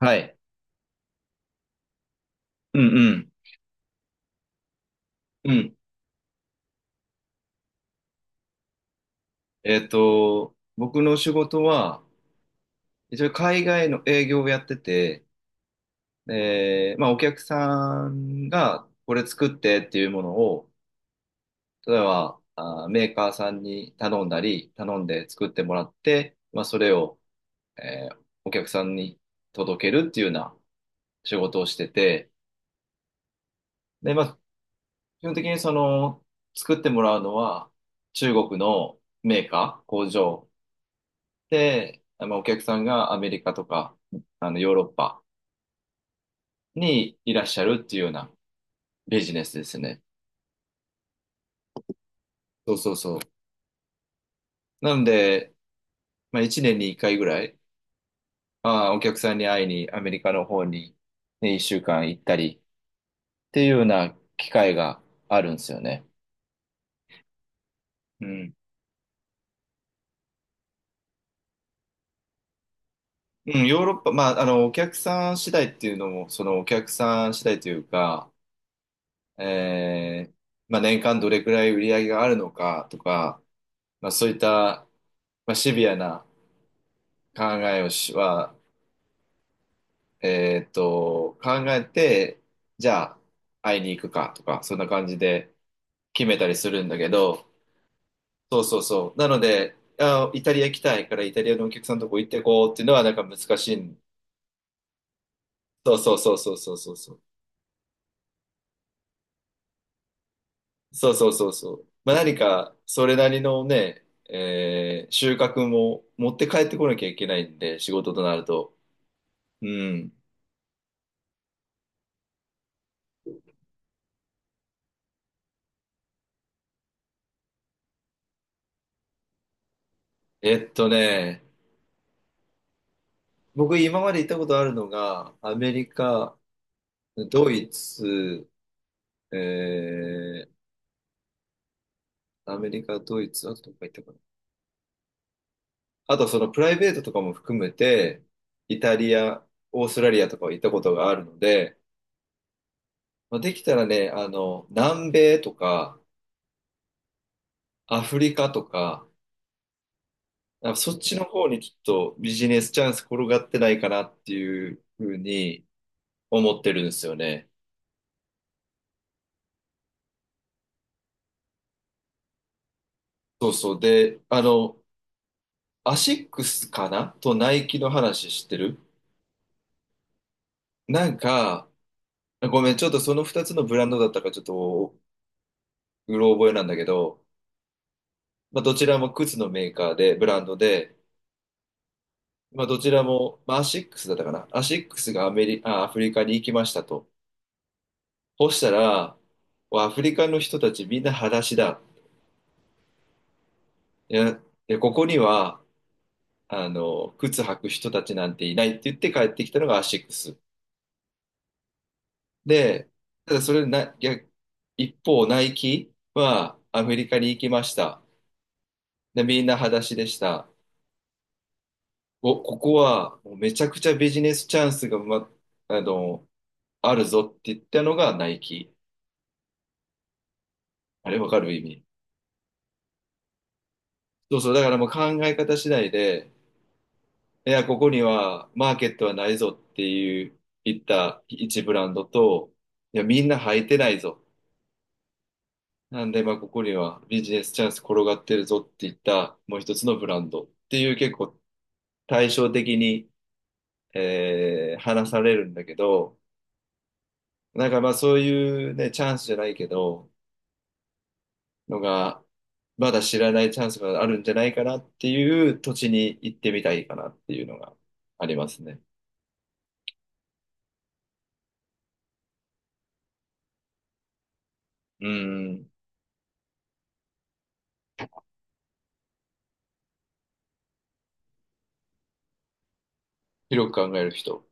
はい。うんうん。うん。僕の仕事は、一応海外の営業をやってて、まあお客さんがこれ作ってっていうものを、例えば、メーカーさんに頼んだり、頼んで作ってもらって、まあそれを、えーお客さんに届けるっていうような仕事をしてて、で、まあ基本的にその、作ってもらうのは中国のメーカー、工場で、まあ、お客さんがアメリカとか、ヨーロッパにいらっしゃるっていうようなビジネスですね。そうそうそう。なので、まあ、1年に1回ぐらい、まあ、お客さんに会いにアメリカの方に、ね、1週間行ったりっていうような機会があるんですよね。うん。うん、ヨーロッパ、まあ、お客さん次第っていうのも、そのお客さん次第というか、えーまあ、年間どれくらい売り上げがあるのかとか、まあ、そういった、まあ、シビアな考えをしは、考えて、じゃあ、会いに行くかとか、そんな感じで決めたりするんだけど、そうそうそう。なので、あ、イタリア行きたいから、イタリアのお客さんのとこ行ってこうっていうのは、なんか難しいん。そうそうそうそうそうそうそう。そうそうそうそう。まあ、何か、それなりのね、収穫も持って帰ってこなきゃいけないんで、仕事となると。うん。ね、僕今まで行ったことあるのが、アメリカ、ドイツ、えアメリカ、ドイツ、あとどこか行ったかな。あとそのプライベートとかも含めて、イタリア、オーストラリアとかは行ったことがあるので、まあ、できたらね、南米とか、アフリカとか、なんかそっちの方にちょっとビジネスチャンス転がってないかなっていうふうに思ってるんですよね。そうそう。で、アシックスかなとナイキの話知ってる？なんか、ごめん、ちょっとその2つのブランドだったかちょっとうろ覚えなんだけど、まあ、どちらも靴のメーカーで、ブランドで、まあ、どちらも、まあ、アシックスだったかな。アシックスがアフリカに行きましたと。そしたら、アフリカの人たちみんな裸足だ。いや、で、ここには、靴履く人たちなんていないって言って帰ってきたのがアシックス。で、ただそれな、逆一方、ナイキはアメリカに行きました。で、みんな裸足でした。お、ここはもうめちゃくちゃビジネスチャンスが、ま、あの、あるぞって言ったのがナイキ。あれわかる、意味？そうそう、だからもう考え方次第で、いや、ここにはマーケットはないぞっていう言った一ブランドと、いや、みんな履いてないぞ。なんで、まあ、ここにはビジネスチャンス転がってるぞって言ったもう一つのブランドっていう結構対照的に、話されるんだけど、なんかまあそういうね、チャンスじゃないけど、のが、まだ知らないチャンスがあるんじゃないかなっていう土地に行ってみたいかなっていうのがありますね。うん。広く考える人。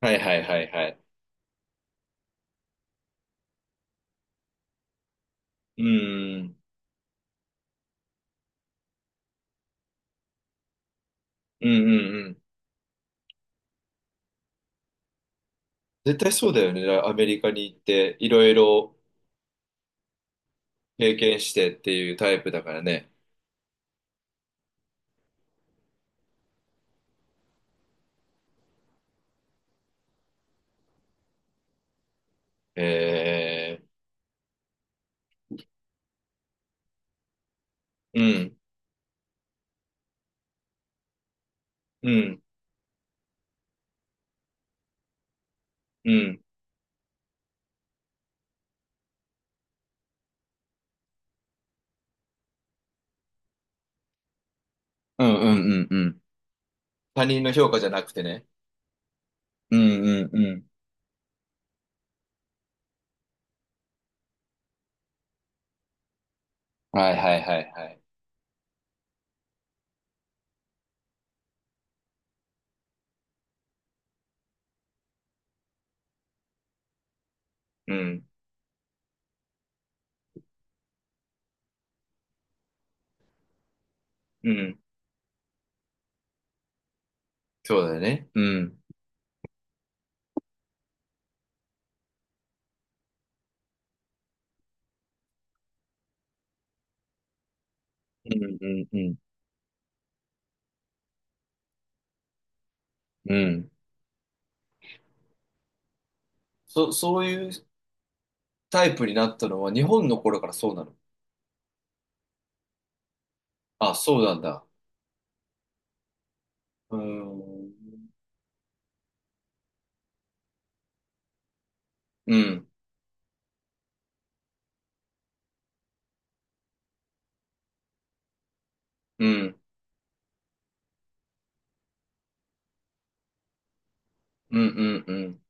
はいはいはいはい。うん。うんうんうん。絶対そうだよね。アメリカに行って、いろいろ経験してっていうタイプだからね。えうん、うん、うん。うんうんうんうん。他人の評価じゃなくてね。うんうんうん。はいはいはいはい。うん、うん。そうだよね。うん。うんうんうんうん。そういうタイプになったのは日本の頃からそうなの？あ、そうなんだ。うーん。うん。うん。うん。うん。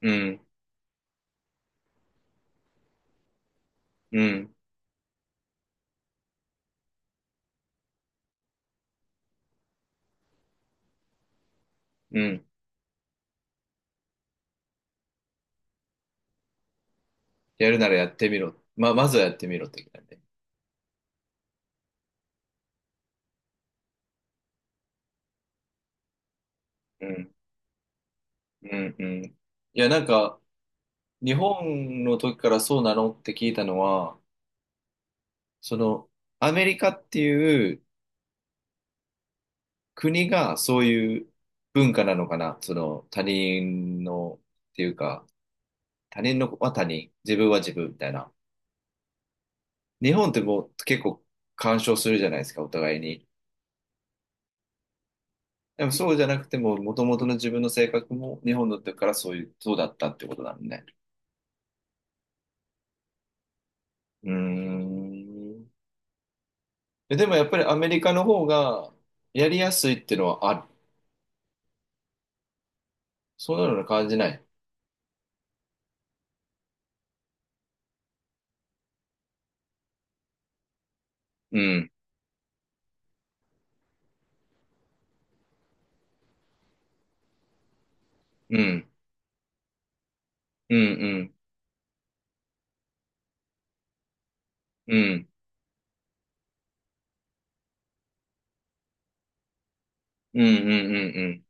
うん。うん。うん。やるならやってみろ。まずはやってみろって感じ。うん。うん。うん。いや、なんか、日本の時からそうなのって聞いたのは、その、アメリカっていう国がそういう文化なのかな。その、他人の、っていうか、他人のは他人、自分は自分みたいな。日本ってもう結構干渉するじゃないですか、お互いに。でもそうじゃなくても、もともとの自分の性格も日本だったからそういう、そうだったってことなのね。うーん。でもやっぱりアメリカの方がやりやすいっていうのはある？そんなの感じない？うん、うん、うん、うん、うん、うん、うん、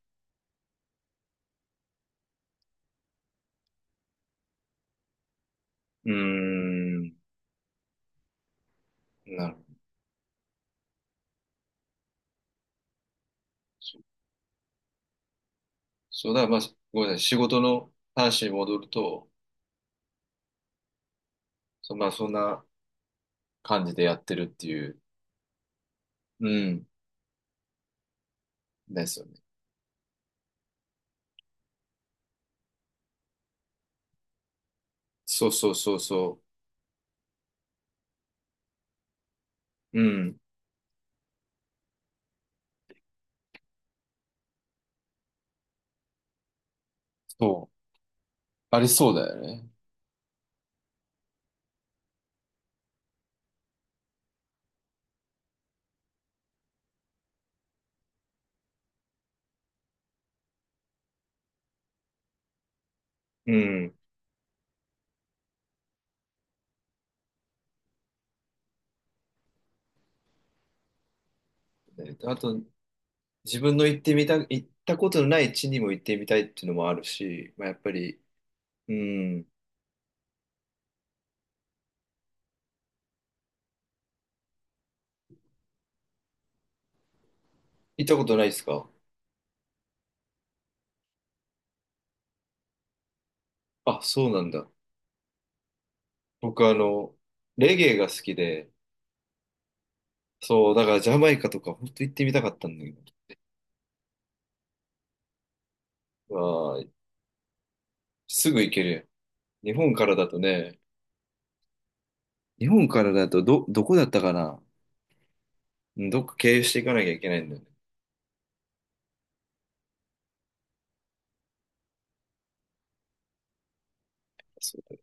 うん、うん。うーん。なるほど。そうそうだ、まあ、ごめんなさい。仕事の話に戻ると、そ、まあ、そんな、感じでやってるっていう。うん。ですよね。そうそうそうそう。うん。そう。ありそうだよね。うん。であと、自分の行ってみた、行ったことのない地にも行ってみたいっていうのもあるし、まあ、やっぱり、うん。行ったことないですか？あ、そうなんだ。僕、レゲエが好きで、そう、だからジャマイカとか本当行ってみたかったんだけど、わあ、すぐ行けるやん。日本からだとね、日本からだとどこだったかな。うん、どっか経由していかなきゃいけないんだよね。そ